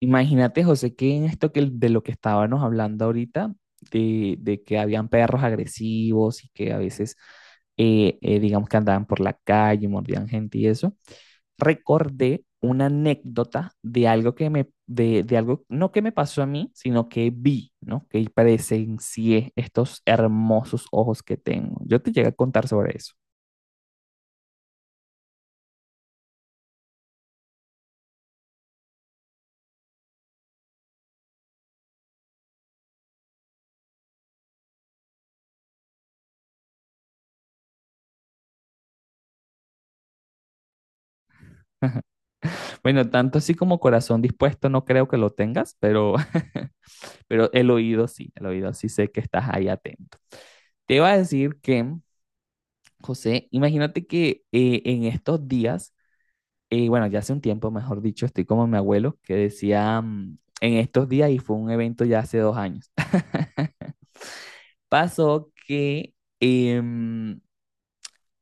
Imagínate, José, que en esto que de lo que estábamos hablando ahorita, de que habían perros agresivos y que a veces, digamos que andaban por la calle, mordían gente y eso, recordé una anécdota de algo que me, de algo, no que me pasó a mí, sino que vi, ¿no? Que presencié estos hermosos ojos que tengo. Yo te llegué a contar sobre eso. Bueno, tanto así como corazón dispuesto no creo que lo tengas, pero, pero el oído sí sé que estás ahí atento. Te iba a decir que, José, imagínate que en estos días, bueno, ya hace un tiempo, mejor dicho, estoy como mi abuelo que decía en estos días, y fue un evento ya hace 2 años. Pasó que em,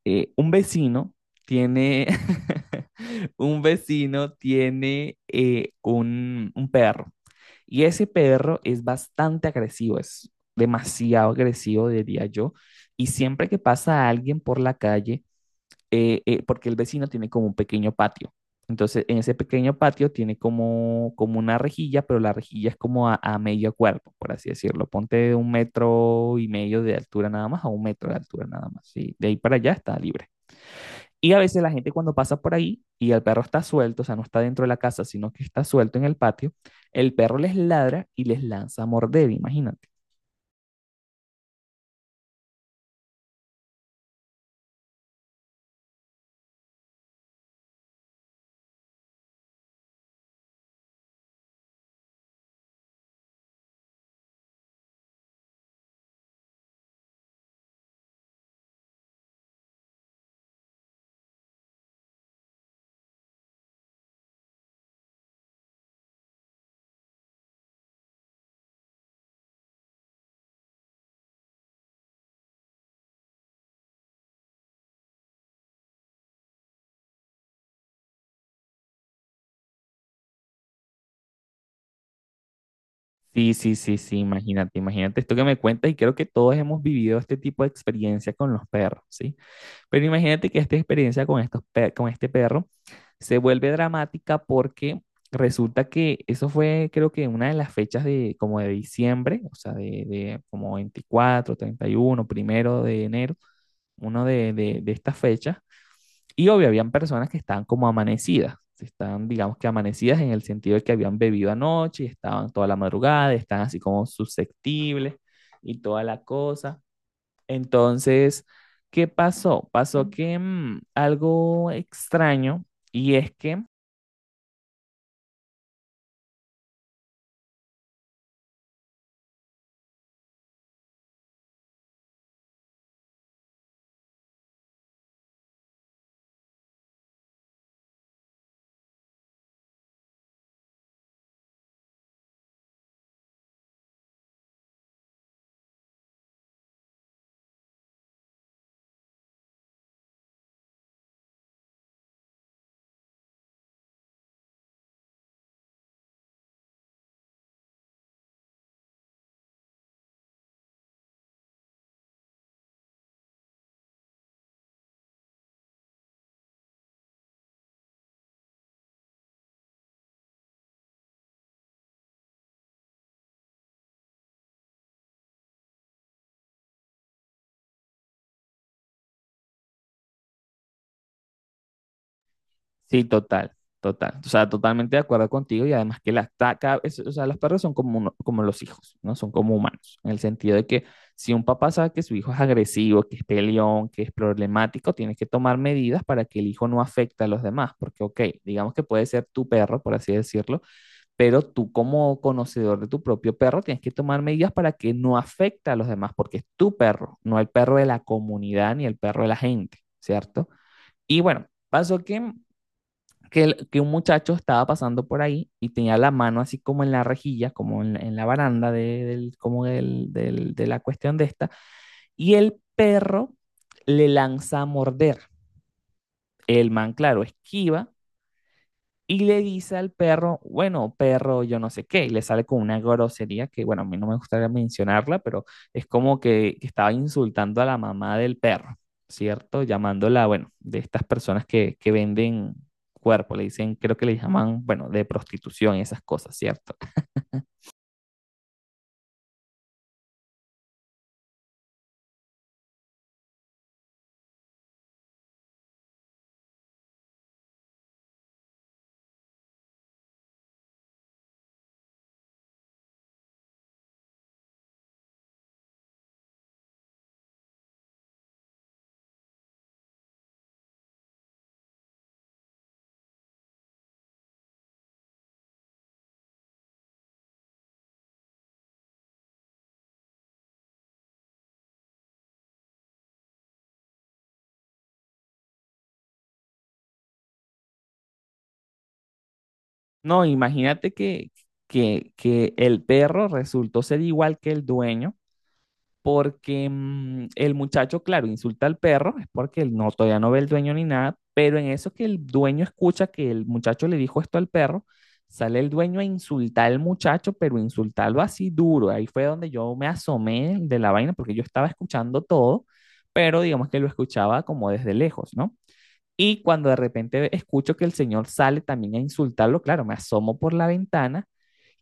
un vecino tiene, un vecino tiene un perro, y ese perro es bastante agresivo, es demasiado agresivo, diría yo, y siempre que pasa alguien por la calle, porque el vecino tiene como un pequeño patio. Entonces, en ese pequeño patio tiene como una rejilla, pero la rejilla es como a medio cuerpo, por así decirlo. Ponte de un metro y medio de altura nada más a un metro de altura nada más. Y de ahí para allá está libre. Y a veces la gente cuando pasa por ahí y el perro está suelto, o sea, no está dentro de la casa, sino que está suelto en el patio, el perro les ladra y les lanza a morder, imagínate. Sí, sí, sí, sí, imagínate, imagínate esto que me cuentas, y creo que todos hemos vivido este tipo de experiencia con los perros, ¿sí? Pero imagínate que esta experiencia con, con este perro se vuelve dramática, porque resulta que eso fue, creo que, una de las fechas de como de diciembre, o sea, de como 24, 31, 1 de enero. Uno de, de estas fechas, y obvio, habían personas que estaban como amanecidas, estaban, digamos que amanecidas en el sentido de que habían bebido anoche, y estaban toda la madrugada, estaban así como susceptibles y toda la cosa. Entonces, ¿qué pasó? Pasó que algo extraño, y es que sí, total, total. O sea, totalmente de acuerdo contigo, y además que las, ta- cada- es- o sea, los perros son como los hijos, ¿no? Son como humanos, en el sentido de que si un papá sabe que su hijo es agresivo, que es peleón, que es problemático, tienes que tomar medidas para que el hijo no afecte a los demás, porque, ok, digamos que puede ser tu perro, por así decirlo, pero tú como conocedor de tu propio perro tienes que tomar medidas para que no afecte a los demás, porque es tu perro, no el perro de la comunidad ni el perro de la gente, ¿cierto? Y bueno, pasó que que un muchacho estaba pasando por ahí y tenía la mano así como en la rejilla, como en, en la baranda como de la cuestión de esta, y el perro le lanza a morder. El man, claro, esquiva y le dice al perro, bueno, perro, yo no sé qué, y le sale con una grosería que, bueno, a mí no me gustaría mencionarla, pero es que estaba insultando a la mamá del perro, ¿cierto? Llamándola, bueno, de estas personas que venden cuerpo, le dicen, creo que le llaman, bueno, de prostitución y esas cosas, ¿cierto? No, imagínate que el perro resultó ser igual que el dueño, porque el muchacho, claro, insulta al perro, es porque él no, todavía no ve el dueño ni nada, pero en eso que el dueño escucha que el muchacho le dijo esto al perro, sale el dueño a insultar al muchacho, pero insultarlo así duro. Ahí fue donde yo me asomé de la vaina, porque yo estaba escuchando todo, pero digamos que lo escuchaba como desde lejos, ¿no? Y cuando de repente escucho que el señor sale también a insultarlo, claro, me asomo por la ventana,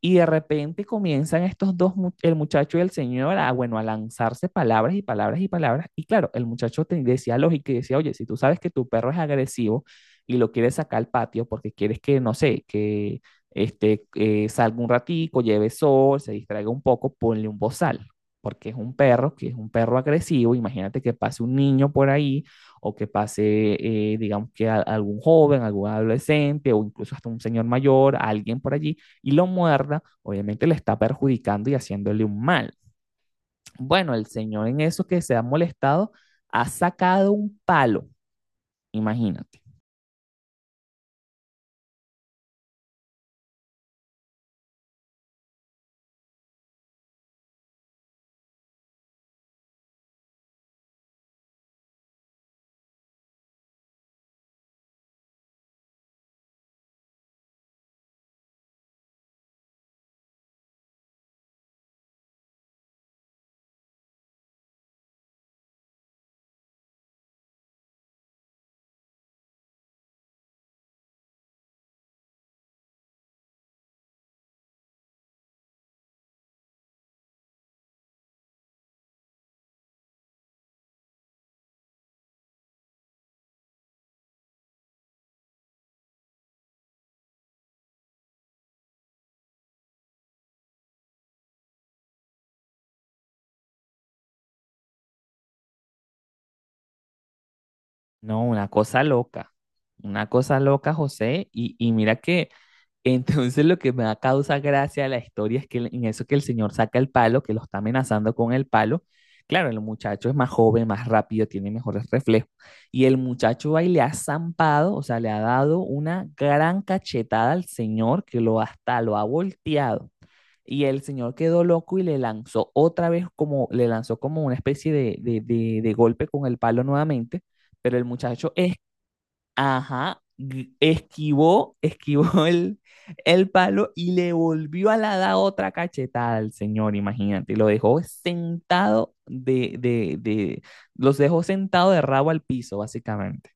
y de repente comienzan estos dos, el muchacho y el señor, a, bueno, a lanzarse palabras y palabras y palabras. Y claro, el muchacho te decía lógica y decía, oye, si tú sabes que tu perro es agresivo y lo quieres sacar al patio porque quieres que, no sé, que este, salga un ratico, lleve sol, se distraiga un poco, ponle un bozal, porque es un perro, que es un perro agresivo. Imagínate que pase un niño por ahí o que pase, digamos que algún joven, algún adolescente, o incluso hasta un señor mayor, alguien por allí, y lo muerda, obviamente le está perjudicando y haciéndole un mal. Bueno, el señor en eso que se ha molestado ha sacado un palo, imagínate. No, una cosa loca, José, y mira que entonces lo que me da causa gracia de la historia es que en eso que el señor saca el palo, que lo está amenazando con el palo, claro, el muchacho es más joven, más rápido, tiene mejores reflejos. Y el muchacho va y le ha zampado, o sea, le ha dado una gran cachetada al señor, que lo hasta lo ha volteado. Y el señor quedó loco y le lanzó otra vez como, le lanzó como una especie de golpe con el palo nuevamente, pero el muchacho es, ajá, esquivó, esquivó el palo, y le volvió a la da otra cachetada al señor, imagínate, y lo dejó sentado los dejó sentado de rabo al piso, básicamente.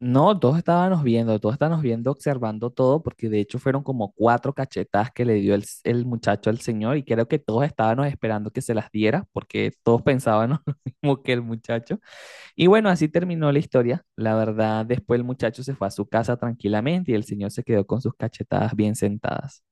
No, todos estábamos viendo, observando todo, porque de hecho fueron como cuatro cachetadas que le dio el, el muchacho al señor, y creo que todos estábamos esperando que se las diera, porque todos pensábamos lo mismo que el muchacho. Y bueno, así terminó la historia. La verdad, después el muchacho se fue a su casa tranquilamente, y el señor se quedó con sus cachetadas bien sentadas.